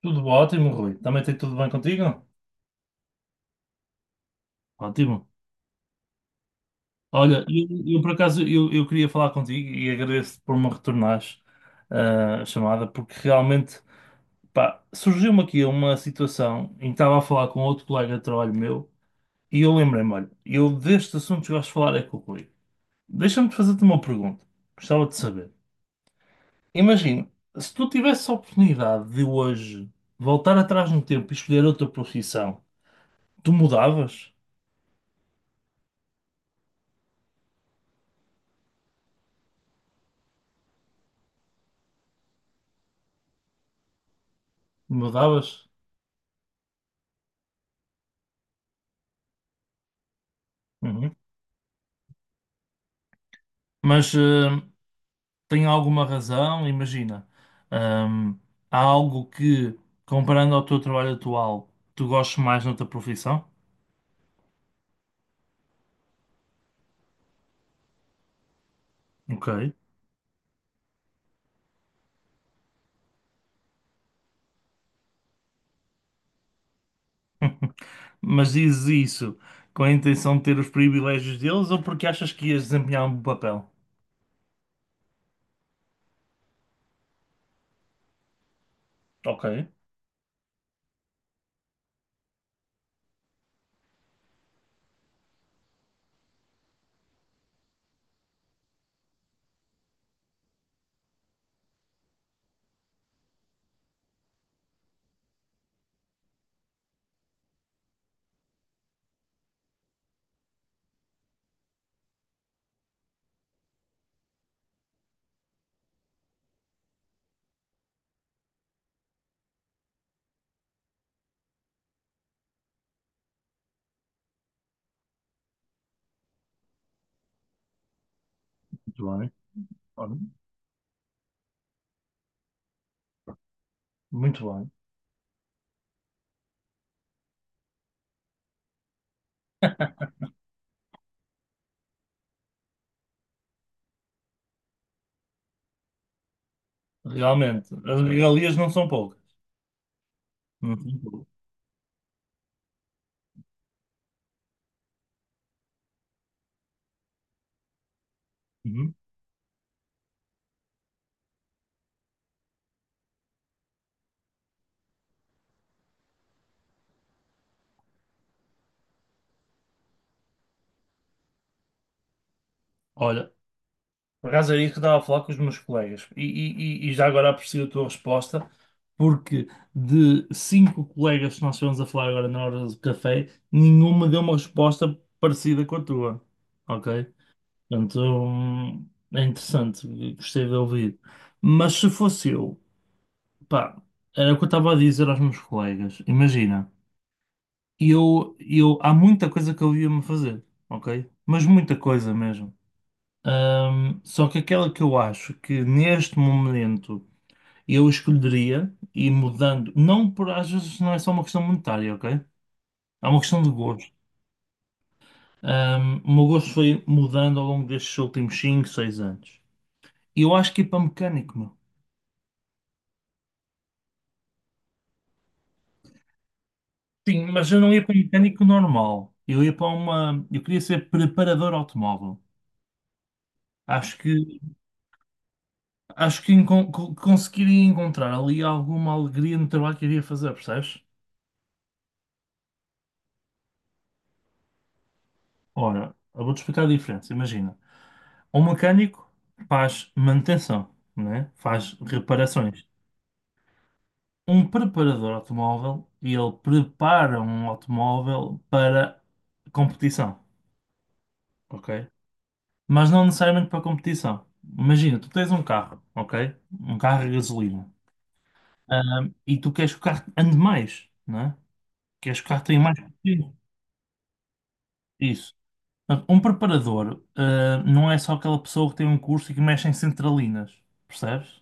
Tudo ótimo, Rui. Também tem tudo bem contigo? Ótimo. Olha, por acaso eu queria falar contigo e agradeço-te por me retornares a chamada, porque realmente pá, surgiu-me aqui uma situação em que estava a falar com outro colega de trabalho meu e eu lembrei-me, olha, eu destes assuntos que gosto de falar é com o Rui. Deixa-me fazer-te uma pergunta. Gostava de saber. Imagina, se tu tivesse a oportunidade de hoje voltar atrás no tempo e escolher outra profissão, tu mudavas? Mudavas? Uhum. Mas tem alguma razão, imagina. hum, há algo que, comparando ao teu trabalho atual, tu gostes mais noutra profissão? Ok. Mas dizes isso com a intenção de ter os privilégios deles ou porque achas que ias desempenhar um bom papel? Ok. Muito bem. Olha. Muito bem. Realmente, as regalias não são poucas. Não são poucas. Uhum. Olha. Por acaso era isso que eu estava a falar com os meus colegas. E, já agora aprecio a tua resposta, porque de cinco colegas que nós estivemos a falar agora na hora do café, nenhuma deu uma resposta parecida com a tua. Ok? Portanto, é interessante, gostei de ouvir. Mas se fosse eu, pá, era o que eu estava a dizer aos meus colegas. Imagina, há muita coisa que eu ia-me fazer, ok? Mas muita coisa mesmo. Só que aquela que eu acho que neste momento eu escolheria e mudando, não por às vezes não é só uma questão monetária, ok? É uma questão de gosto. O meu gosto foi mudando ao longo destes últimos 5 6 anos. E eu acho que ia para mecânico, meu. Sim, mas eu não ia para mecânico normal. Eu ia para uma. Eu queria ser preparador automóvel. Acho que, acho que conseguiria encontrar ali alguma alegria no trabalho que iria fazer, percebes? Ora, eu vou-te explicar a diferença. Imagina. Um mecânico faz manutenção, né? Faz reparações. Um preparador automóvel, ele prepara um automóvel para competição, ok? Mas não necessariamente para competição. Imagina, tu tens um carro, ok? Um carro a gasolina. E tu queres que o carro ande mais, né? Queres que o carro tenha mais potência. Isso. Portanto, um preparador, não é só aquela pessoa que tem um curso e que mexe em centralinas, percebes?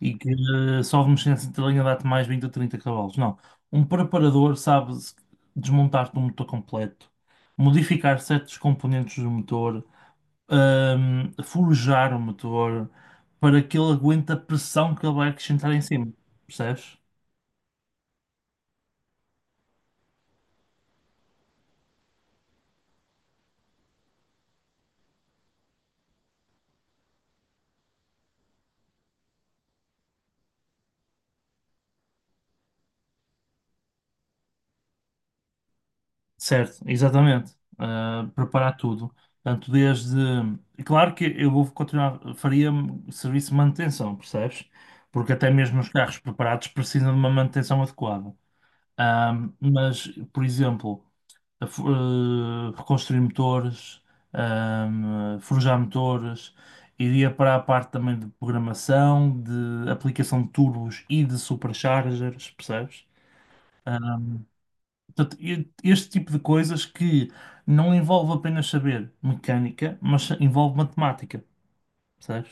E que só uma mexer de linha dá-te mais 20 a 30 cavalos. Não. Um preparador sabe desmontar-te um motor completo, modificar certos componentes do motor, forjar o motor para que ele aguente a pressão que ele vai acrescentar em cima. Percebes? Certo, exatamente. Ah, preparar tudo. Portanto, desde. Claro que eu vou continuar, faria serviço de manutenção, percebes? Porque até mesmo os carros preparados precisam de uma manutenção adequada. Mas por exemplo, a reconstruir motores, forjar motores, iria para a parte também de programação, de aplicação de turbos e de superchargers, percebes? Ahm, portanto, este tipo de coisas que não envolve apenas saber mecânica, mas envolve matemática, percebes?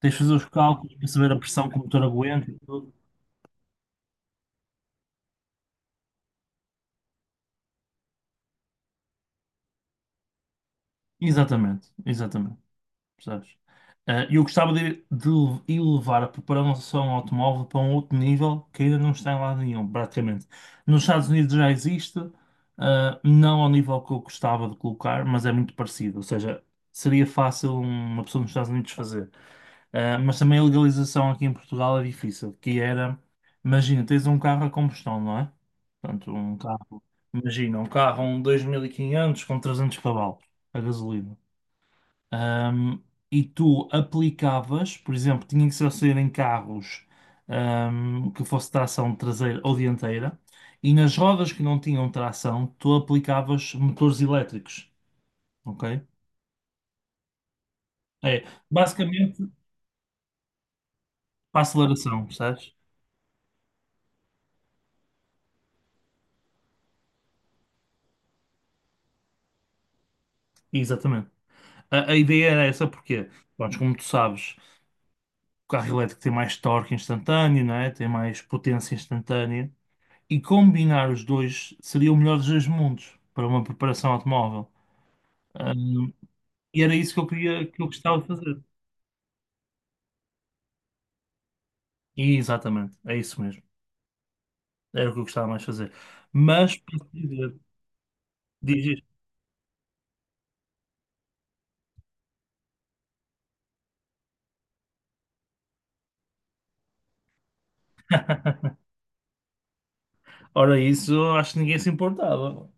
Tens de fazer os cálculos para saber a pressão que o motor aguenta e tudo. Exatamente, exatamente. Percebes? Eu gostava de elevar a preparação automóvel para um outro nível que ainda não está em lado nenhum, praticamente. Nos Estados Unidos já existe, não ao nível que eu gostava de colocar, mas é muito parecido. Ou seja, seria fácil uma pessoa nos Estados Unidos fazer. Mas também a legalização aqui em Portugal é difícil, que era, imagina, tens um carro a combustão, não é? Portanto, um carro, imagina, um carro um 2500 com 300 cavalos a gasolina. Ahm, e tu aplicavas, por exemplo, tinha que ser ao sair em carros que fosse tração traseira ou dianteira, e nas rodas que não tinham tração, tu aplicavas motores elétricos, ok? É, basicamente para aceleração, percebes? Exatamente. A ideia era essa porque, pronto, como tu sabes, o carro elétrico tem mais torque instantâneo, não é? Tem mais potência instantânea, e combinar os dois seria o melhor dos dois mundos para uma preparação automóvel. E era isso que eu queria, que eu gostava de fazer. E exatamente, é isso mesmo. Era o que eu gostava mais de fazer. Mas, posso dizer, diz, isto. Ora, isso eu acho que ninguém se importava.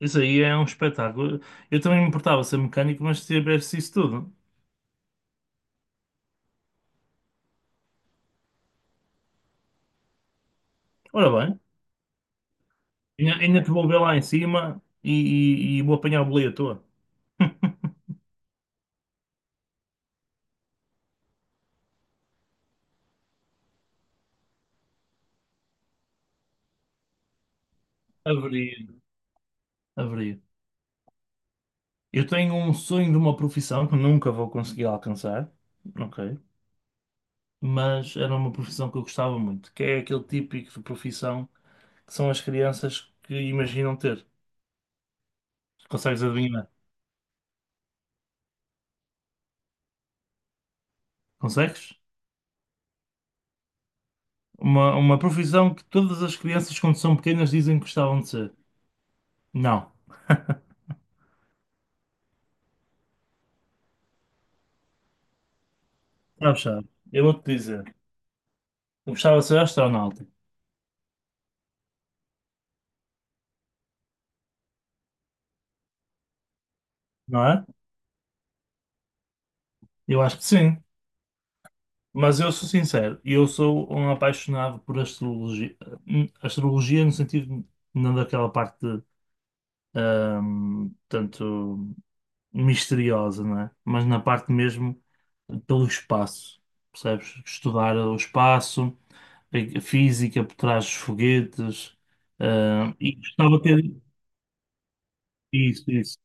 Isso aí é um espetáculo. Eu também me importava ser mecânico, mas se tivesse isso tudo. Ora bem, ainda te vou ver lá em cima e, e vou apanhar o boleio à toa. Abrir, abrir. Eu tenho um sonho de uma profissão que nunca vou conseguir alcançar, ok? Mas era uma profissão que eu gostava muito, que é aquele típico de profissão, que são as crianças que imaginam ter. Consegues adivinhar? Consegues? Uma profissão que todas as crianças, quando são pequenas, dizem que gostavam de ser. Não. Sabes, sabes. Eu vou-te dizer. Eu gostava de ser astronauta, não é? Eu acho que sim. Mas eu sou sincero. Eu sou um apaixonado por astrologia. Astrologia no sentido não daquela parte, tanto misteriosa, não é? Mas na parte mesmo pelo espaço, percebes? Estudar o espaço, a física por trás dos foguetes, ah, e gostava de ter isso, isso.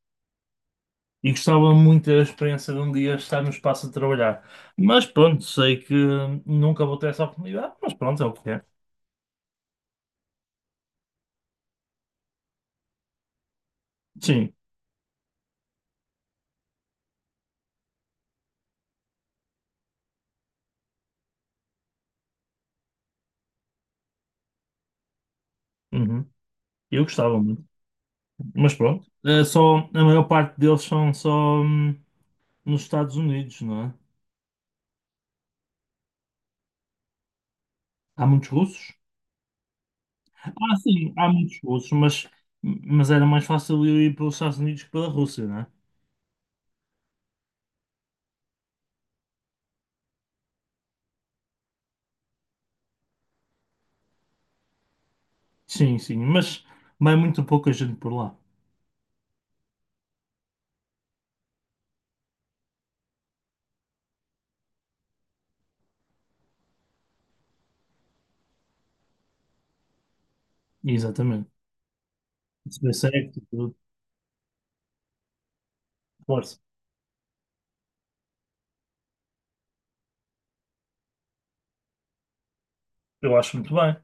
E gostava muito da experiência de um dia estar no espaço a trabalhar. Mas pronto, sei que nunca vou ter essa oportunidade, mas pronto, é o que é. Sim, uhum. Eu gostava muito. Mas pronto, é só, a maior parte deles são só nos Estados Unidos, não é? Há muitos russos? Ah, sim, há muitos russos, mas era mais fácil eu ir para os Estados Unidos que pela Rússia, não é? Sim, sim, mas vai muito pouca gente por lá. Exatamente. Se der certo, tudo, força. Eu acho muito bem.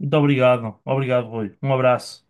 Muito obrigado. Obrigado, Rui. Um abraço.